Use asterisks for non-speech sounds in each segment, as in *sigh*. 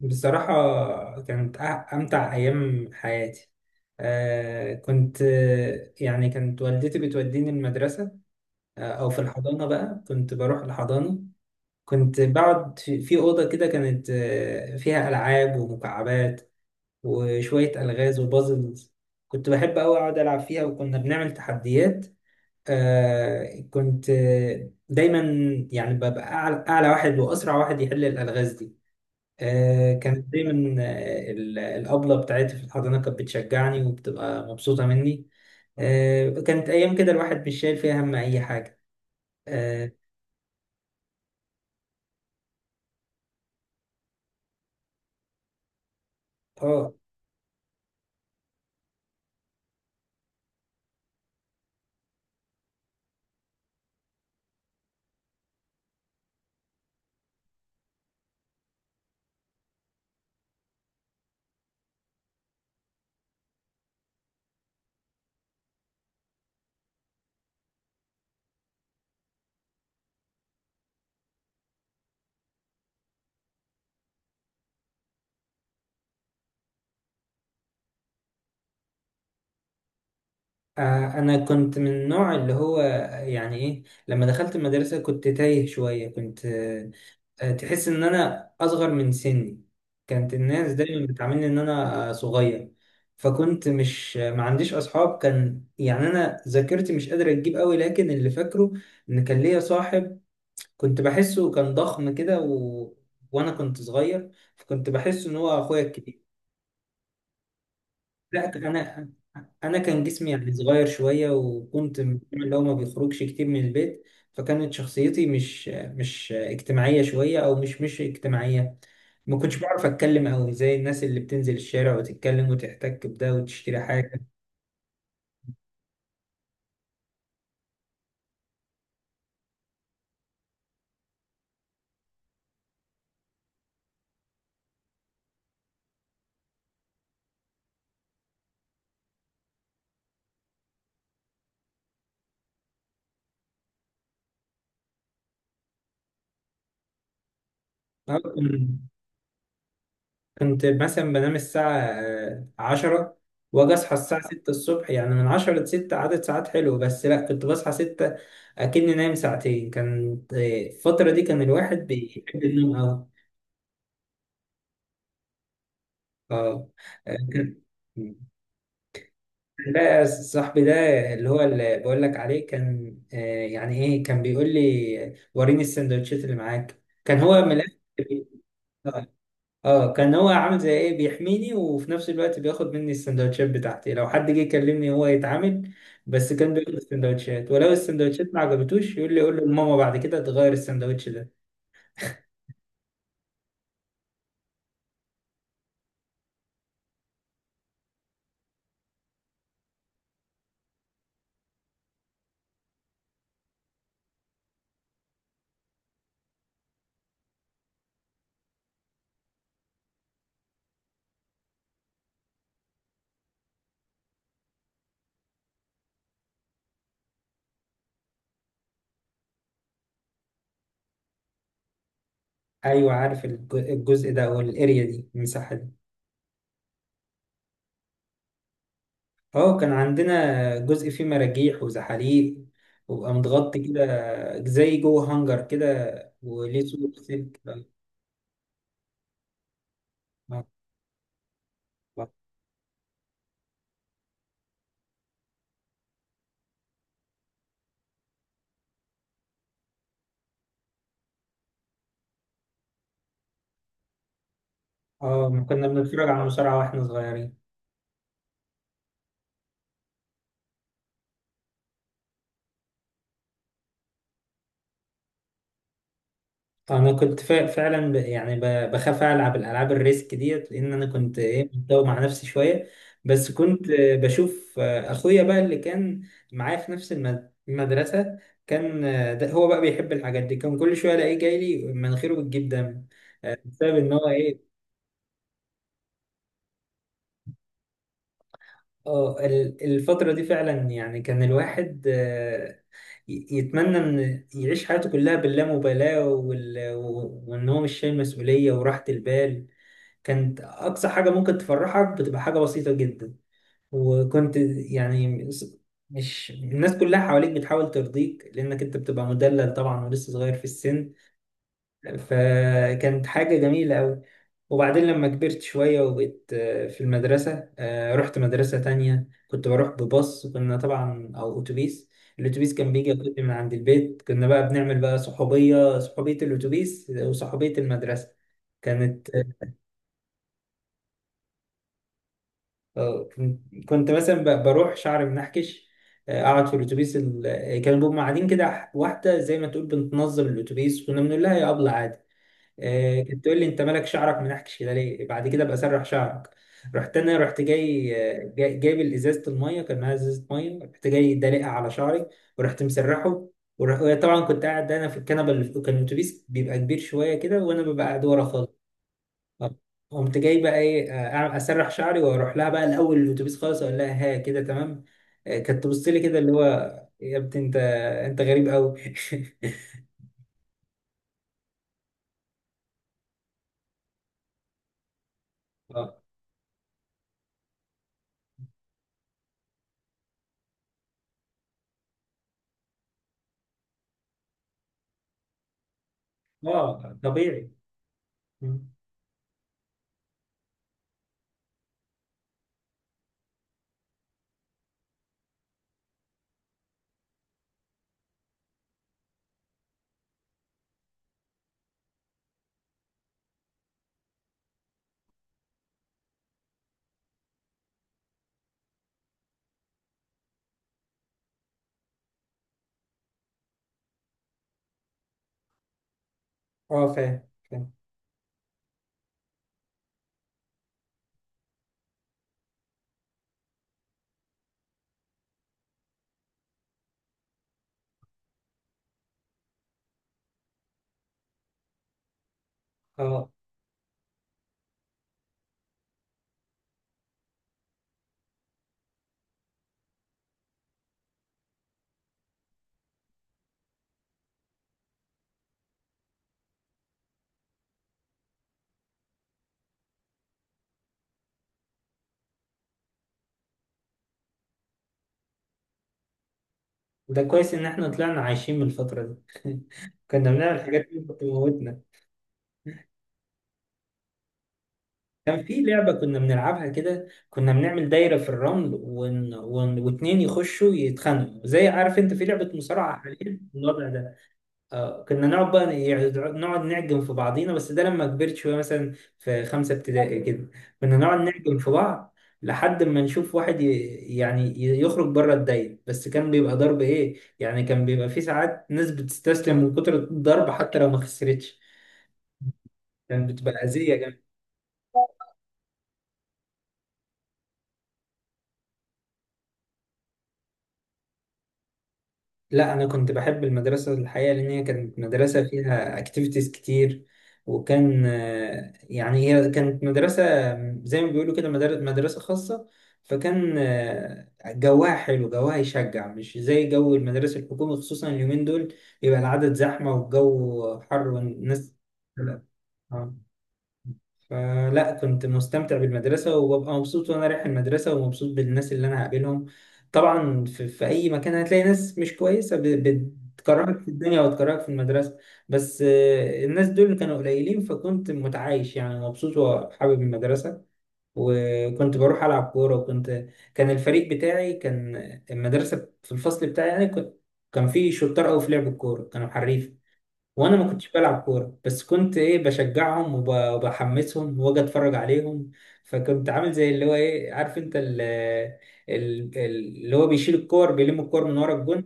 بصراحة كانت أمتع أيام حياتي. آه كنت آه، يعني كانت والدتي بتوديني المدرسة. أو في الحضانة بقى، كنت بروح الحضانة. كنت بقعد في أوضة كده كانت فيها ألعاب ومكعبات، وشوية ألغاز وبازلز. كنت بحب أوي أقعد ألعب فيها، وكنا بنعمل تحديات. آه كنت آه، دايما يعني ببقى أعلى واحد وأسرع واحد يحل الألغاز دي. كانت دايما، الأبلة بتاعتي في الحضانة كانت بتشجعني وبتبقى مبسوطة مني. كانت أيام كده الواحد مش شايل فيها هم أي حاجة. آه آه، أنا كنت من النوع اللي هو، يعني إيه، لما دخلت المدرسة كنت تايه شوية، كنت آه، آه، تحس إن أنا أصغر من سني. كانت الناس دايما بتعاملني إن أنا صغير. فكنت مش ما عنديش أصحاب. كان يعني أنا ذاكرتي مش قادرة تجيب قوي، لكن اللي فاكره ان كان ليا صاحب. كنت بحسه كان ضخم كده، و... وانا كنت صغير، فكنت بحسه ان هو اخويا الكبير. لا انا كان جسمي يعني صغير شويه، وكنت من النوع اللي هو ما بيخرجش كتير من البيت. فكانت شخصيتي مش اجتماعيه شويه، او مش اجتماعيه. ما كنتش بعرف اتكلم قوي زي الناس اللي بتنزل الشارع وتتكلم وتحتك بده وتشتري حاجه. كنت مثلا بنام الساعة 10، وأجي أصحى الساعة 6 الصبح. يعني من 10 لستة عدد ساعات حلو، بس لأ، كنت بصحى 6 أكني نايم ساعتين. كانت الفترة دي كان الواحد بيحب النوم أوي. اه. آه، كان كان بقى صاحبي ده، اللي هو اللي بقول لك عليه، كان يعني ايه، كان بيقول لي وريني السندوتشات اللي معاك. كان هو من الآخر. اه، كان هو عامل زي ايه، بيحميني، وفي نفس الوقت بياخد مني السندوتشات بتاعتي. لو حد جه يكلمني هو يتعامل. بس كان بياخد السندوتشات، ولو السندوتشات ما عجبتوش يقول لي قول له لماما بعد كده تغير السندوتش ده. ايوه عارف الجزء ده، او الاريا دي، المساحه دي. اه، كان عندنا جزء فيه مراجيح وزحاليق، وبقى متغطي كده زي جوه هانجر كده، وليه سوق سلك. اه. كنا بنتفرج على المصارعه واحنا صغيرين. انا كنت فعلا بخاف العب الالعاب الريسك ديت، لان انا كنت ايه، متداوم مع نفسي شويه. بس كنت بشوف اخويا بقى اللي كان معايا في نفس المدرسه، كان ده هو بقى بيحب الحاجات دي. كان كل شويه الاقيه جاي لي مناخيره بتجيب دم، بسبب ان هو ايه. اه، الفتره دي فعلا يعني كان الواحد، يتمنى ان يعيش حياته كلها باللامبالاه، وان هو مش شايل مسؤوليه وراحه البال. كانت أقصى حاجة ممكن تفرحك بتبقى حاجة بسيطة جدا. وكنت يعني، مش الناس كلها حواليك بتحاول ترضيك لأنك أنت بتبقى مدلل طبعا ولسه صغير في السن. فكانت حاجة جميلة أوي. وبعدين لما كبرت شوية وبقيت في المدرسة، رحت مدرسة تانية، كنت بروح بباص، كنا طبعا، أو أتوبيس. الأتوبيس كان بيجي ياخدني من عند البيت. كنا بقى بنعمل بقى صحوبية الأتوبيس وصحوبية المدرسة. كانت. اه كنت مثلا بروح شعري منحكش، اقعد في الاتوبيس، كانوا بيبقوا قاعدين كده، واحده زي ما تقول بنتنظم الاتوبيس، كنا بنقول لها يا ابله عادي. كانت تقول لي انت مالك شعرك منحكش كده ليه، بعد كده بقى سرح شعرك. رحت انا رحت جاي، جايب ازازه الميه، كان معايا ازازه ميه، رحت جاي دلقها على شعري ورحت مسرحه. ورح... طبعا كنت قاعد انا في الكنبه اللي في، كان الاتوبيس بيبقى كبير شويه كده، وانا ببقى قاعد ورا خالص. طب، قمت جاي بقى ايه، اسرح شعري، واروح لها بقى الاول الاتوبيس خالص اقول لها ها كده تمام. كانت تبص لي كده اللي هو، يا ابني انت، انت غريب قوي. *laughs* اه. اه طبيعي. مم. اه فاهم فاهم. اه، ده كويس ان احنا طلعنا عايشين من الفترة دي. *laughs* كنا بنعمل حاجات اللي كانت بتموتنا. كان في لعبة كنا بنلعبها كده، كنا بنعمل دايرة في الرمل واتنين يخشوا يتخانقوا، زي، عارف انت في لعبة مصارعة حاليا الوضع ده. كنا نقعد بقى يعني نقعد نعجن في بعضينا، بس ده لما كبرت شوية مثلا في 5 ابتدائي كده. كنا نقعد نعجن في بعض لحد ما نشوف واحد، يخرج بره الدايرة. بس كان بيبقى ضرب ايه، يعني كان بيبقى في ساعات ناس بتستسلم من كتر الضرب حتى لو ما خسرتش، كانت بتبقى أذية. لا، انا كنت بحب المدرسه الحقيقه، لان هي كانت مدرسه فيها اكتيفيتيز كتير. وكان يعني هي كانت مدرسه زي ما بيقولوا كده، مدرسه خاصه. فكان جواها حلو، جواها يشجع، مش زي جو المدارس الحكومي، خصوصا اليومين دول بيبقى العدد زحمه والجو حر والناس. آه. فلا، كنت مستمتع بالمدرسة، وببقى مبسوط وأنا رايح المدرسة ومبسوط بالناس اللي أنا هقابلهم. طبعا في أي مكان هتلاقي ناس مش كويسة، بتكرهك في الدنيا وتكرهك في المدرسة. بس الناس دول كانوا قليلين، فكنت متعايش يعني مبسوط وحابب المدرسة. وكنت بروح ألعب كورة. وكنت، كان الفريق بتاعي، كان المدرسة في الفصل بتاعي يعني، كنت، كان في شطار أوي في لعب الكورة، كانوا حريف. وانا ما كنتش بلعب كوره، بس كنت ايه، بشجعهم وبحمسهم واجي اتفرج عليهم. فكنت عامل زي اللي هو ايه، عارف انت اللي هو بيشيل الكور، بيلم الكور من ورا الجون.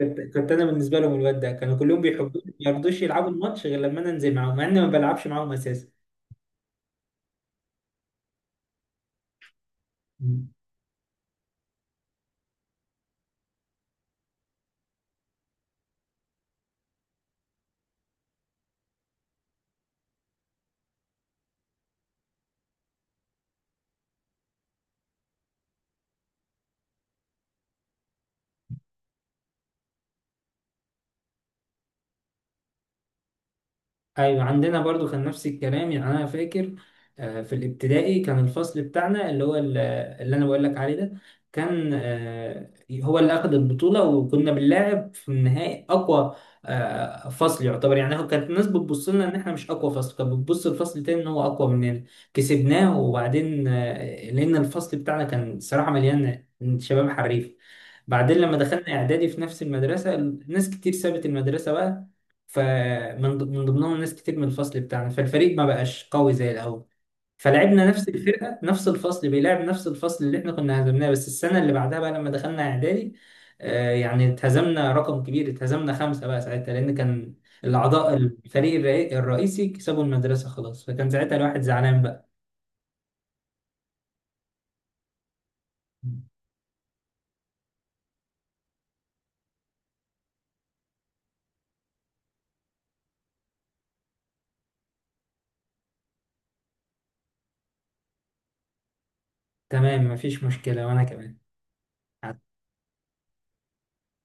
كنت انا بالنسبه لهم الواد ده، كانوا كلهم بيحبوني، ما يرضوش يلعبوا الماتش غير لما انا انزل معاهم، مع اني ما بلعبش معاهم اساسا. ايوه عندنا برضو كان نفس الكلام يعني. انا فاكر في الابتدائي كان الفصل بتاعنا اللي هو، اللي انا بقول لك عليه ده، كان هو اللي اخذ البطوله، وكنا بنلاعب في النهائي اقوى فصل يعتبر. يعني هو كانت الناس بتبص لنا ان احنا مش اقوى فصل، كانت بتبص لفصل تاني ان هو اقوى مننا. كسبناه. وبعدين لان الفصل بتاعنا كان صراحه مليان شباب حريف. بعدين لما دخلنا اعدادي في نفس المدرسه، ناس كتير سابت المدرسه بقى، من ضمنهم ناس كتير من الفصل بتاعنا، فالفريق ما بقاش قوي زي الاول. فلعبنا نفس الفرقه، نفس الفصل بيلعب نفس الفصل اللي احنا كنا هزمناه، بس السنه اللي بعدها بقى لما دخلنا اعدادي، يعني اتهزمنا رقم كبير، اتهزمنا 5 بقى ساعتها، لان كان الاعضاء الفريق الرئيسي كسبوا المدرسه خلاص. فكان ساعتها الواحد زعلان بقى. تمام، مفيش مشكله، وانا كمان.